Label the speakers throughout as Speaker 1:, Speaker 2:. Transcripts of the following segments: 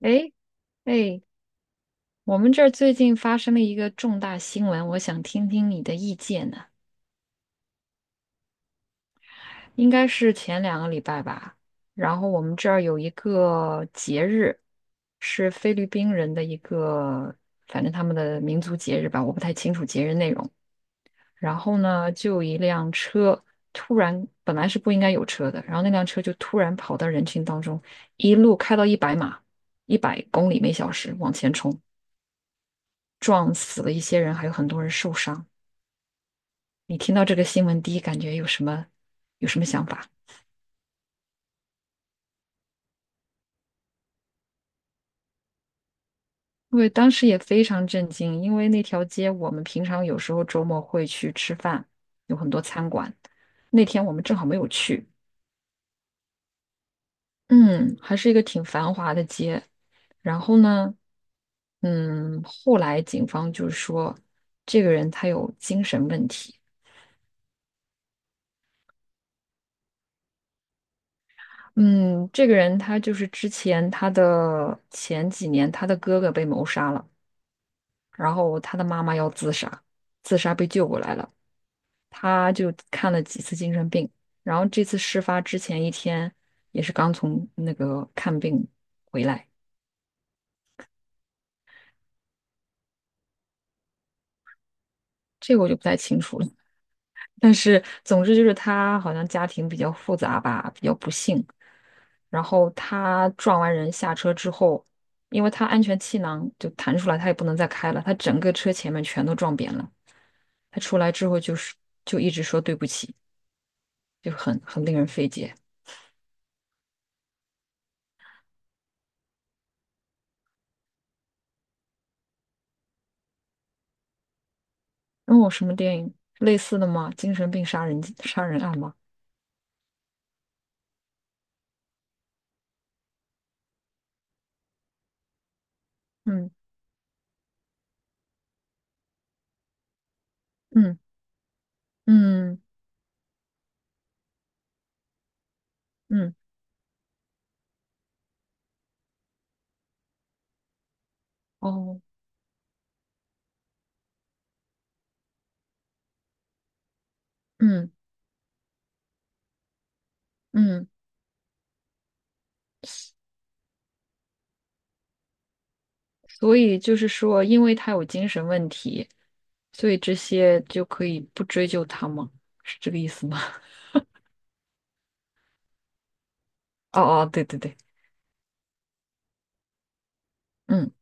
Speaker 1: 哎哎，我们这儿最近发生了一个重大新闻，我想听听你的意见呢。应该是前2个礼拜吧，然后我们这儿有一个节日，是菲律宾人的一个，反正他们的民族节日吧，我不太清楚节日内容。然后呢，就有一辆车突然，本来是不应该有车的，然后那辆车就突然跑到人群当中，一路开到100码，100公里每小时往前冲，撞死了一些人，还有很多人受伤。你听到这个新闻，第一感觉有什么想法？我当时也非常震惊，因为那条街我们平常有时候周末会去吃饭，有很多餐馆。那天我们正好没有去，嗯，还是一个挺繁华的街。然后呢，嗯，后来警方就说这个人他有精神问题。嗯，这个人他就是之前他的前几年他的哥哥被谋杀了。然后他的妈妈要自杀，自杀被救过来了，他就看了几次精神病，然后这次事发之前一天也是刚从那个看病回来，这个我就不太清楚了，但是总之就是他好像家庭比较复杂吧，比较不幸，然后他撞完人下车之后。因为他安全气囊就弹出来，他也不能再开了，他整个车前面全都撞扁了。他出来之后就一直说对不起，就很令人费解。哦，什么电影？类似的吗？精神病杀人案吗？嗯嗯嗯嗯，哦，嗯嗯，所以就是说，因为他有精神问题，所以这些就可以不追究他吗？是这个意思吗？哦哦，对对对，嗯，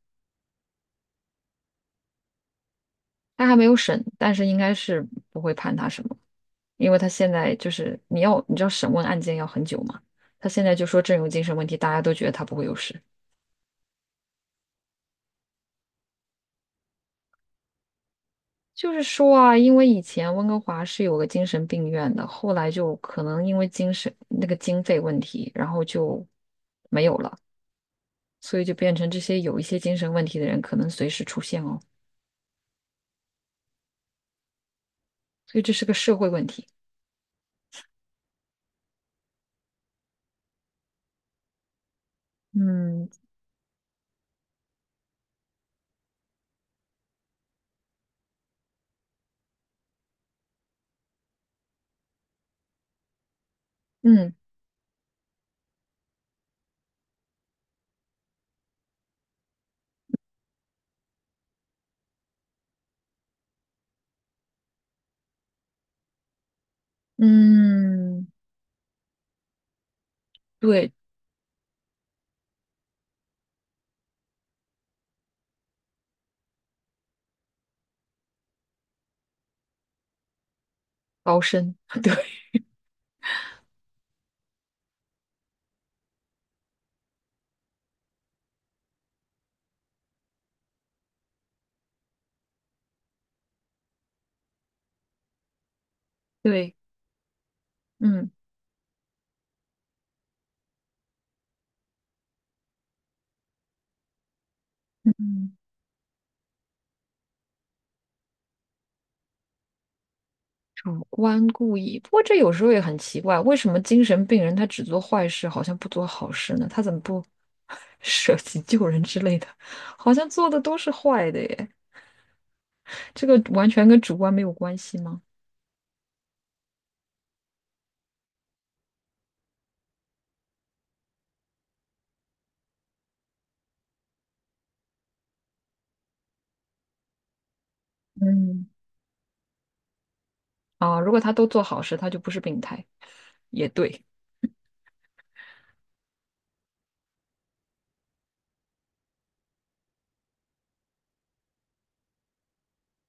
Speaker 1: 他还没有审，但是应该是不会判他什么，因为他现在就是你知道审问案件要很久嘛，他现在就说真有精神问题，大家都觉得他不会有事。就是说啊，因为以前温哥华是有个精神病院的，后来就可能因为精神那个经费问题，然后就没有了，所以就变成这些有一些精神问题的人可能随时出现哦，所以这是个社会问题。嗯嗯嗯，对，高深，对对，嗯嗯。主观故意，不过这有时候也很奇怪，为什么精神病人他只做坏事，好像不做好事呢？他怎么不 舍己救人之类的？好像做的都是坏的耶，这个完全跟主观没有关系吗？嗯，啊，如果他都做好事，他就不是病态，也对，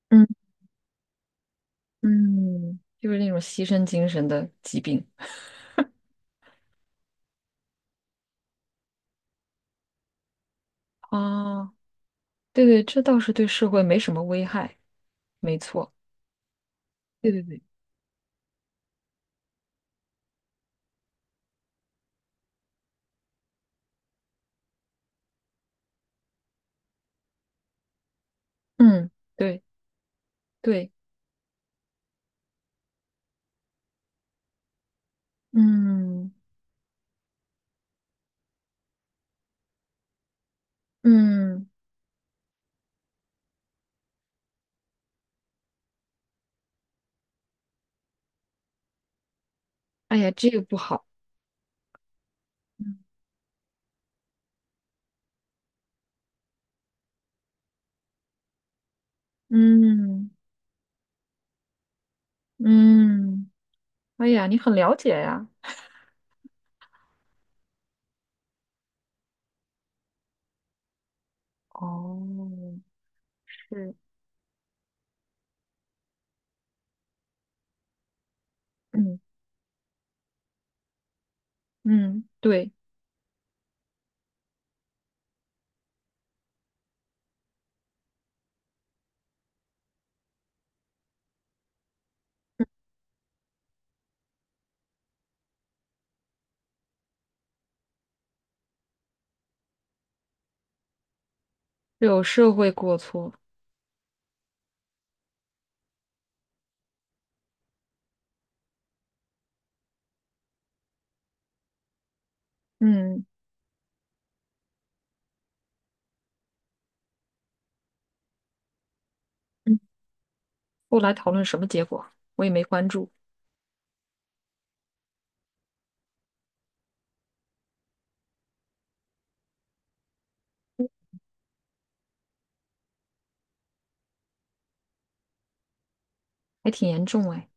Speaker 1: 嗯嗯，就是那种牺牲精神的疾病啊，对对，这倒是对社会没什么危害，没错，对对对，嗯，对对，嗯嗯。哎呀，这个不好。嗯，嗯嗯，哎呀，你很了解呀。哦，是，嗯嗯，对，有社会过错。嗯嗯，后来讨论什么结果，我也没关注，还挺严重哎。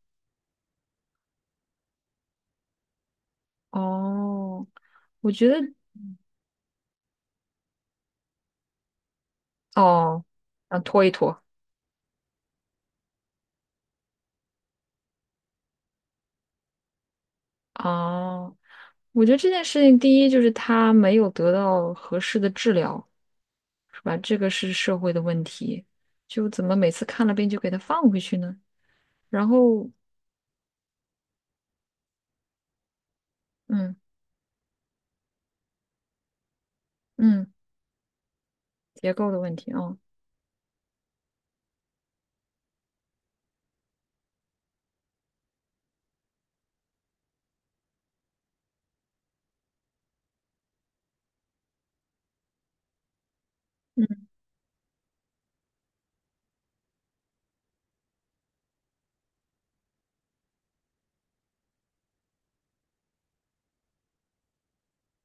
Speaker 1: 哦，我觉得哦，想拖一拖。哦，我觉得这件事情，第一就是他没有得到合适的治疗，是吧？这个是社会的问题，就怎么每次看了病就给他放回去呢？然后，嗯嗯，结构的问题啊，嗯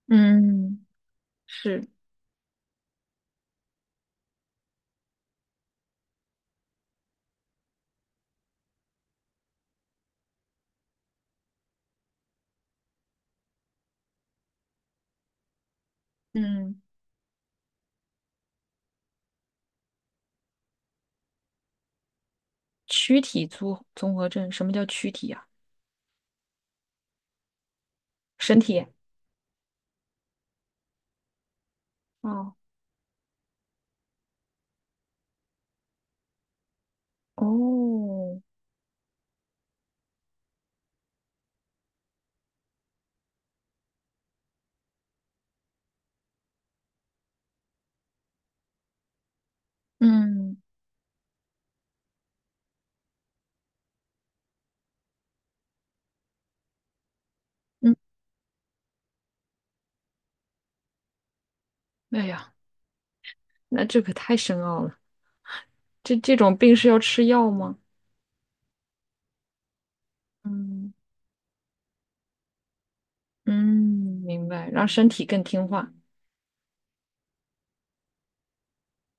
Speaker 1: 嗯，是，嗯，躯体综合症，什么叫躯体呀、身体。哦哦，嗯嗯，哎呀，那这可太深奥了。这种病是要吃药吗？嗯嗯，明白，让身体更听话。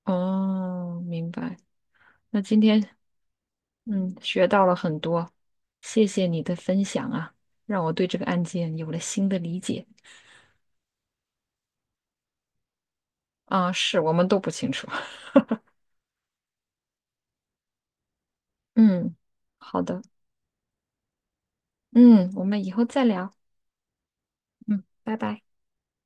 Speaker 1: 哦，明白。那今天嗯学到了很多，谢谢你的分享啊，让我对这个案件有了新的理解。啊，是我们都不清楚。嗯，好的，嗯，我们以后再聊。嗯，拜拜。